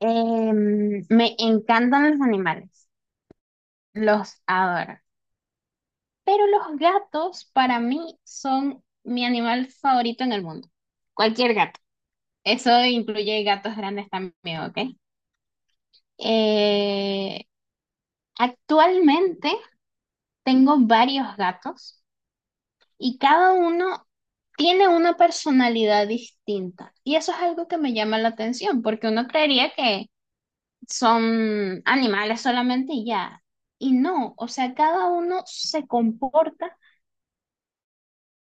Me encantan los animales, los adoro, pero los gatos para mí son mi animal favorito en el mundo. Cualquier gato. Eso incluye gatos grandes también, ¿ok? Eh, Actualmente tengo varios gatos y cada uno tiene una personalidad distinta. Y eso es algo que me llama la atención, porque uno creería que son animales solamente y ya. Y no, o sea, cada uno se comporta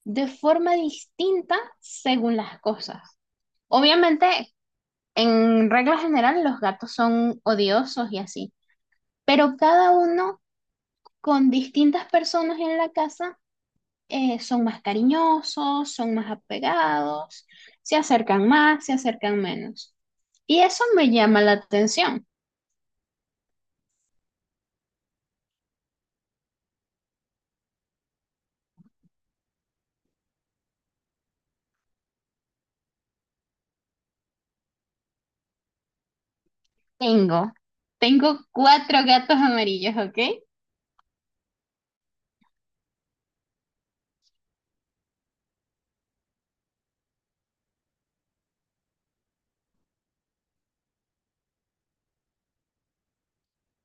de forma distinta según las cosas. Obviamente, en regla general, los gatos son odiosos y así, pero cada uno con distintas personas en la casa son más cariñosos, son más apegados, se acercan más, se acercan menos. Y eso me llama la atención. Tengo, tengo cuatro gatos amarillos, ¿ok?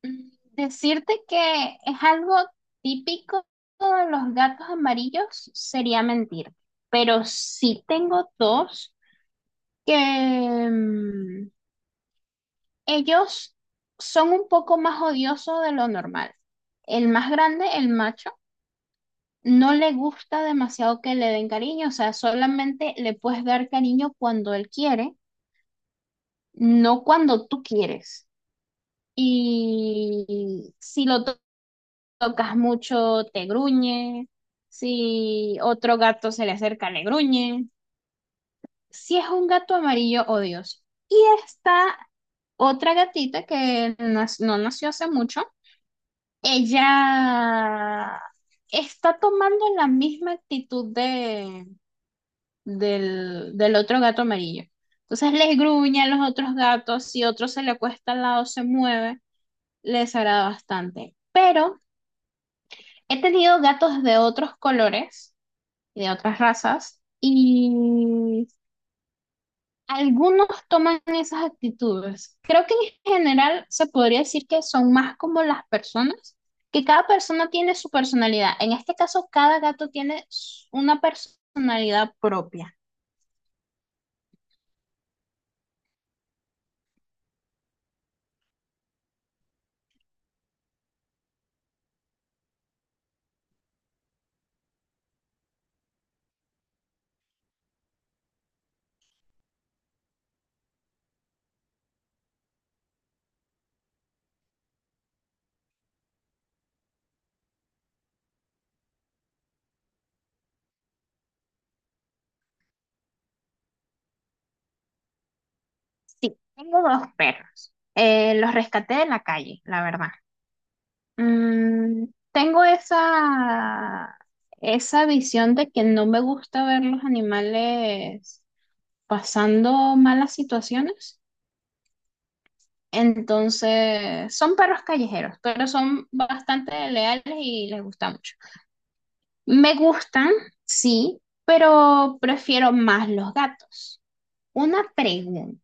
Mm, Decirte que es algo típico de los gatos amarillos sería mentir, pero sí tengo dos que mm, ellos son un poco más odiosos de lo normal. El más grande, el macho, no le gusta demasiado que le den cariño, o sea, solamente le puedes dar cariño cuando él quiere, no cuando tú quieres. Y si lo tocas mucho, te gruñe. Si otro gato se le acerca, le gruñe. Si es un gato amarillo, odioso. Y está otra gatita que no nació hace mucho. Ella está tomando la misma actitud del otro gato amarillo. Entonces les gruñe a los otros gatos, si otro se le acuesta al lado, se mueve, les agrada bastante. Pero he tenido gatos de otros colores y de otras razas. Y algunos toman esas actitudes. Creo que en general se podría decir que son más como las personas, que cada persona tiene su personalidad. En este caso, cada gato tiene una personalidad propia. Sí, tengo dos perros. Los rescaté de la calle, la verdad. Mm, Tengo esa visión de que no me gusta ver los animales pasando malas situaciones. Entonces, son perros callejeros, pero son bastante leales y les gusta mucho. Me gustan, sí, pero prefiero más los gatos. Una pregunta.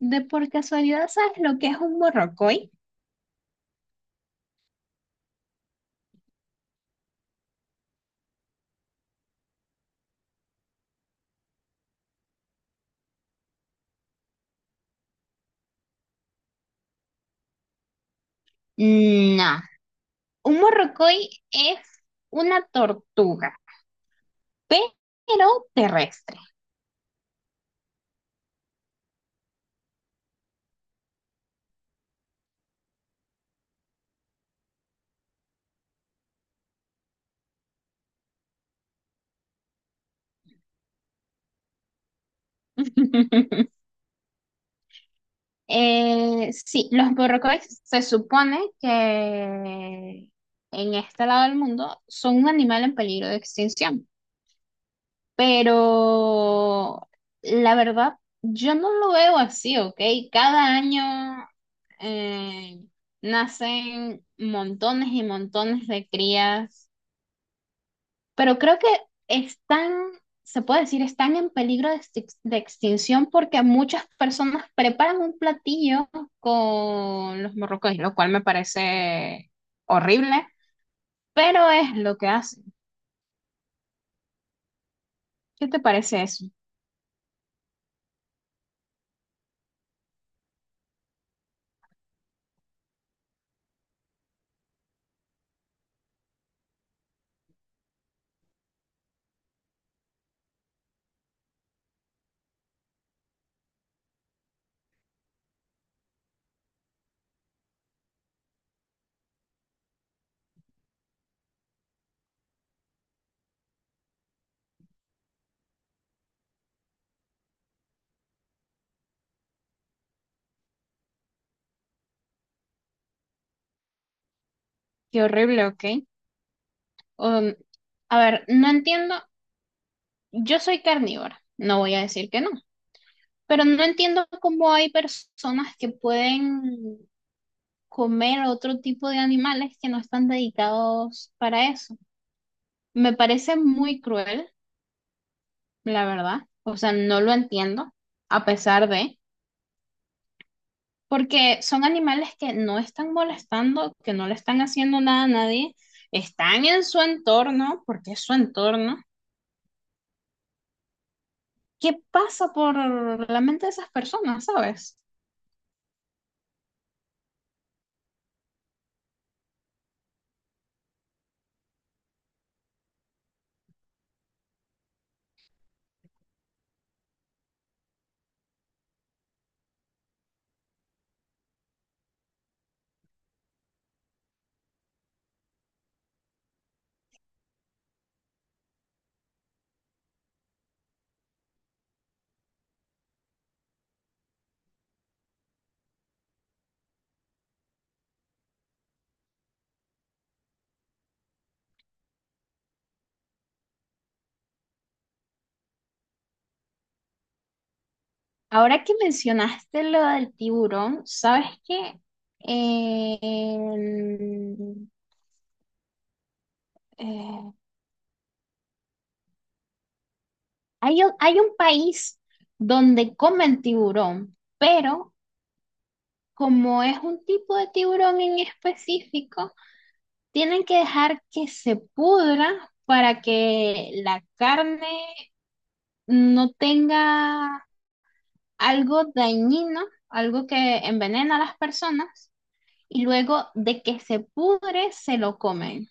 ¿De por casualidad sabes lo que es un morrocoy? No. Un morrocoy es una tortuga, pero terrestre. Sí, los borrocoides se supone que en este lado del mundo son un animal en peligro de extinción, pero la verdad yo no lo veo así, ¿ok? Cada año eh, nacen montones y montones de crías, pero creo que están, se puede decir, están en peligro de extinción porque muchas personas preparan un platillo con los morrocoy, lo cual me parece horrible, pero es lo que hacen. ¿Qué te parece eso? Qué horrible, ¿ok? Um, a ver, no entiendo, yo soy carnívora, no voy a decir que no, pero no entiendo cómo hay personas que pueden comer otro tipo de animales que no están dedicados para eso. Me parece muy cruel, la verdad. O sea, no lo entiendo, a pesar de, porque son animales que no están molestando, que no le están haciendo nada a nadie, están en su entorno, porque es su entorno. ¿Qué pasa por la mente de esas personas, sabes? Ahora que mencionaste lo del tiburón, ¿sabes qué? En- eh, hay un país donde comen tiburón, pero como es un tipo de tiburón en específico, tienen que dejar que se pudra para que la carne no tenga algo dañino, algo que envenena a las personas, y luego de que se pudre, se lo comen.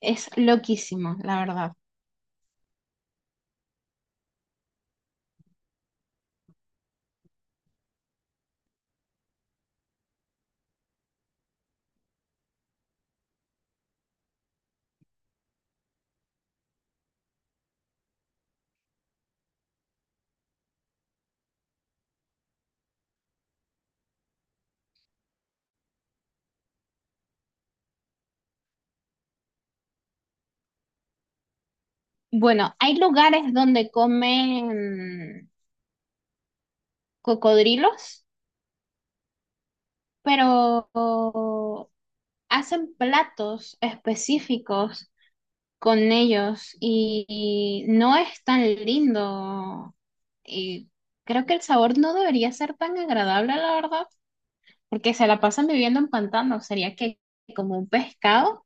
Es loquísimo, la verdad. Bueno, hay lugares donde comen cocodrilos, pero hacen platos específicos con ellos y no es tan lindo. Y creo que el sabor no debería ser tan agradable, la verdad, porque se la pasan viviendo en pantano. Sería que como un pescado.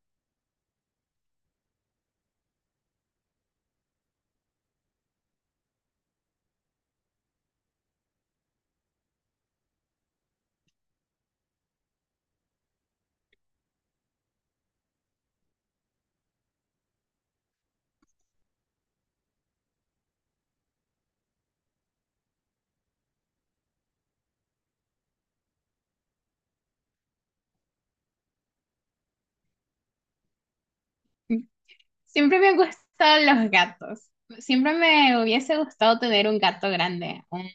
Siempre me han gustado los gatos. Siempre me hubiese gustado tener un gato grande, un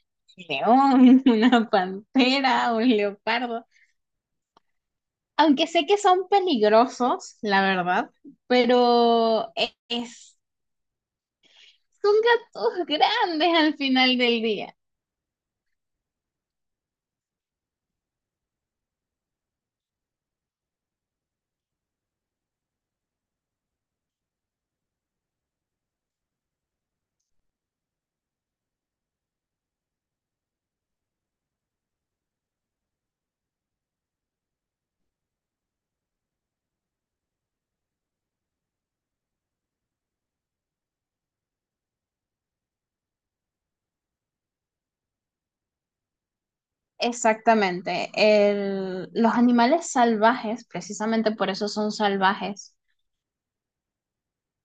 león, una pantera, un leopardo. Aunque sé que son peligrosos, la verdad, pero e- es son gatos grandes al final del día. Exactamente. Los animales salvajes, precisamente por eso son salvajes,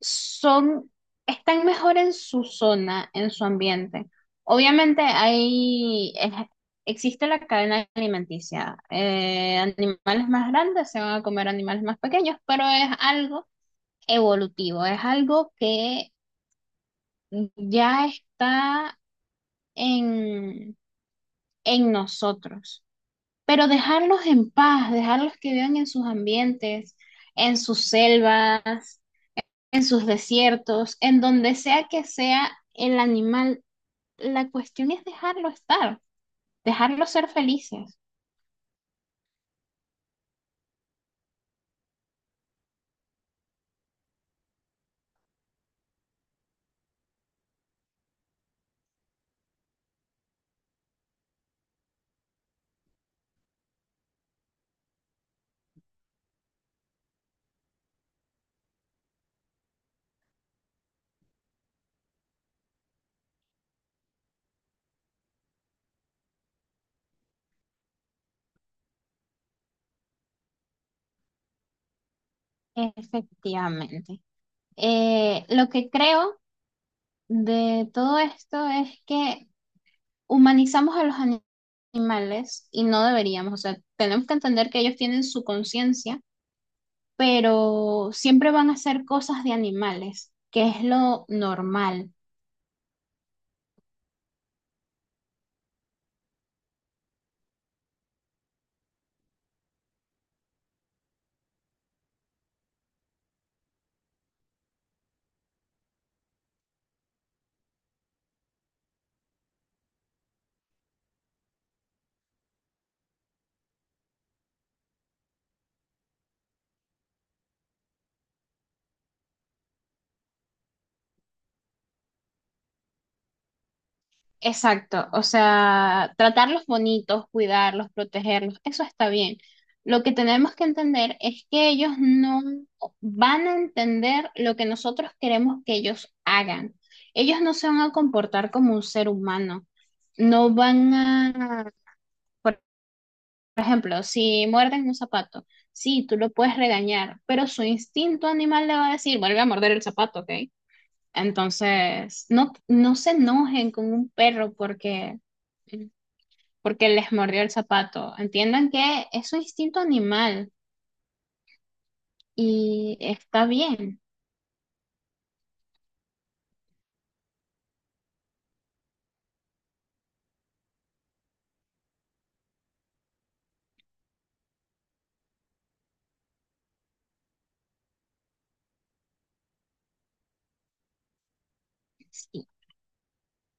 son, están mejor en su zona, en su ambiente. Obviamente existe la cadena alimenticia. Animales más grandes se van a comer animales más pequeños, pero es algo evolutivo, es algo que ya está en, en nosotros. Pero dejarlos en paz, dejarlos que vivan en sus ambientes, en sus selvas, en sus desiertos, en donde sea que sea el animal, la cuestión es dejarlo estar, dejarlos ser felices. Efectivamente. Lo que creo de todo esto es que humanizamos a los animales y no deberíamos, o sea, tenemos que entender que ellos tienen su conciencia, pero siempre van a ser cosas de animales, que es lo normal. Exacto, o sea, tratarlos bonitos, cuidarlos, protegerlos, eso está bien. Lo que tenemos que entender es que ellos no van a entender lo que nosotros queremos que ellos hagan. Ellos no se van a comportar como un ser humano. No van a, por. Por ejemplo, si muerden un zapato, sí, tú lo puedes regañar, pero su instinto animal le va a decir, vuelve a morder el zapato, ¿ok? Entonces, no, no se enojen con un perro porque les mordió el zapato. Entiendan que es su instinto animal y está bien. Sí.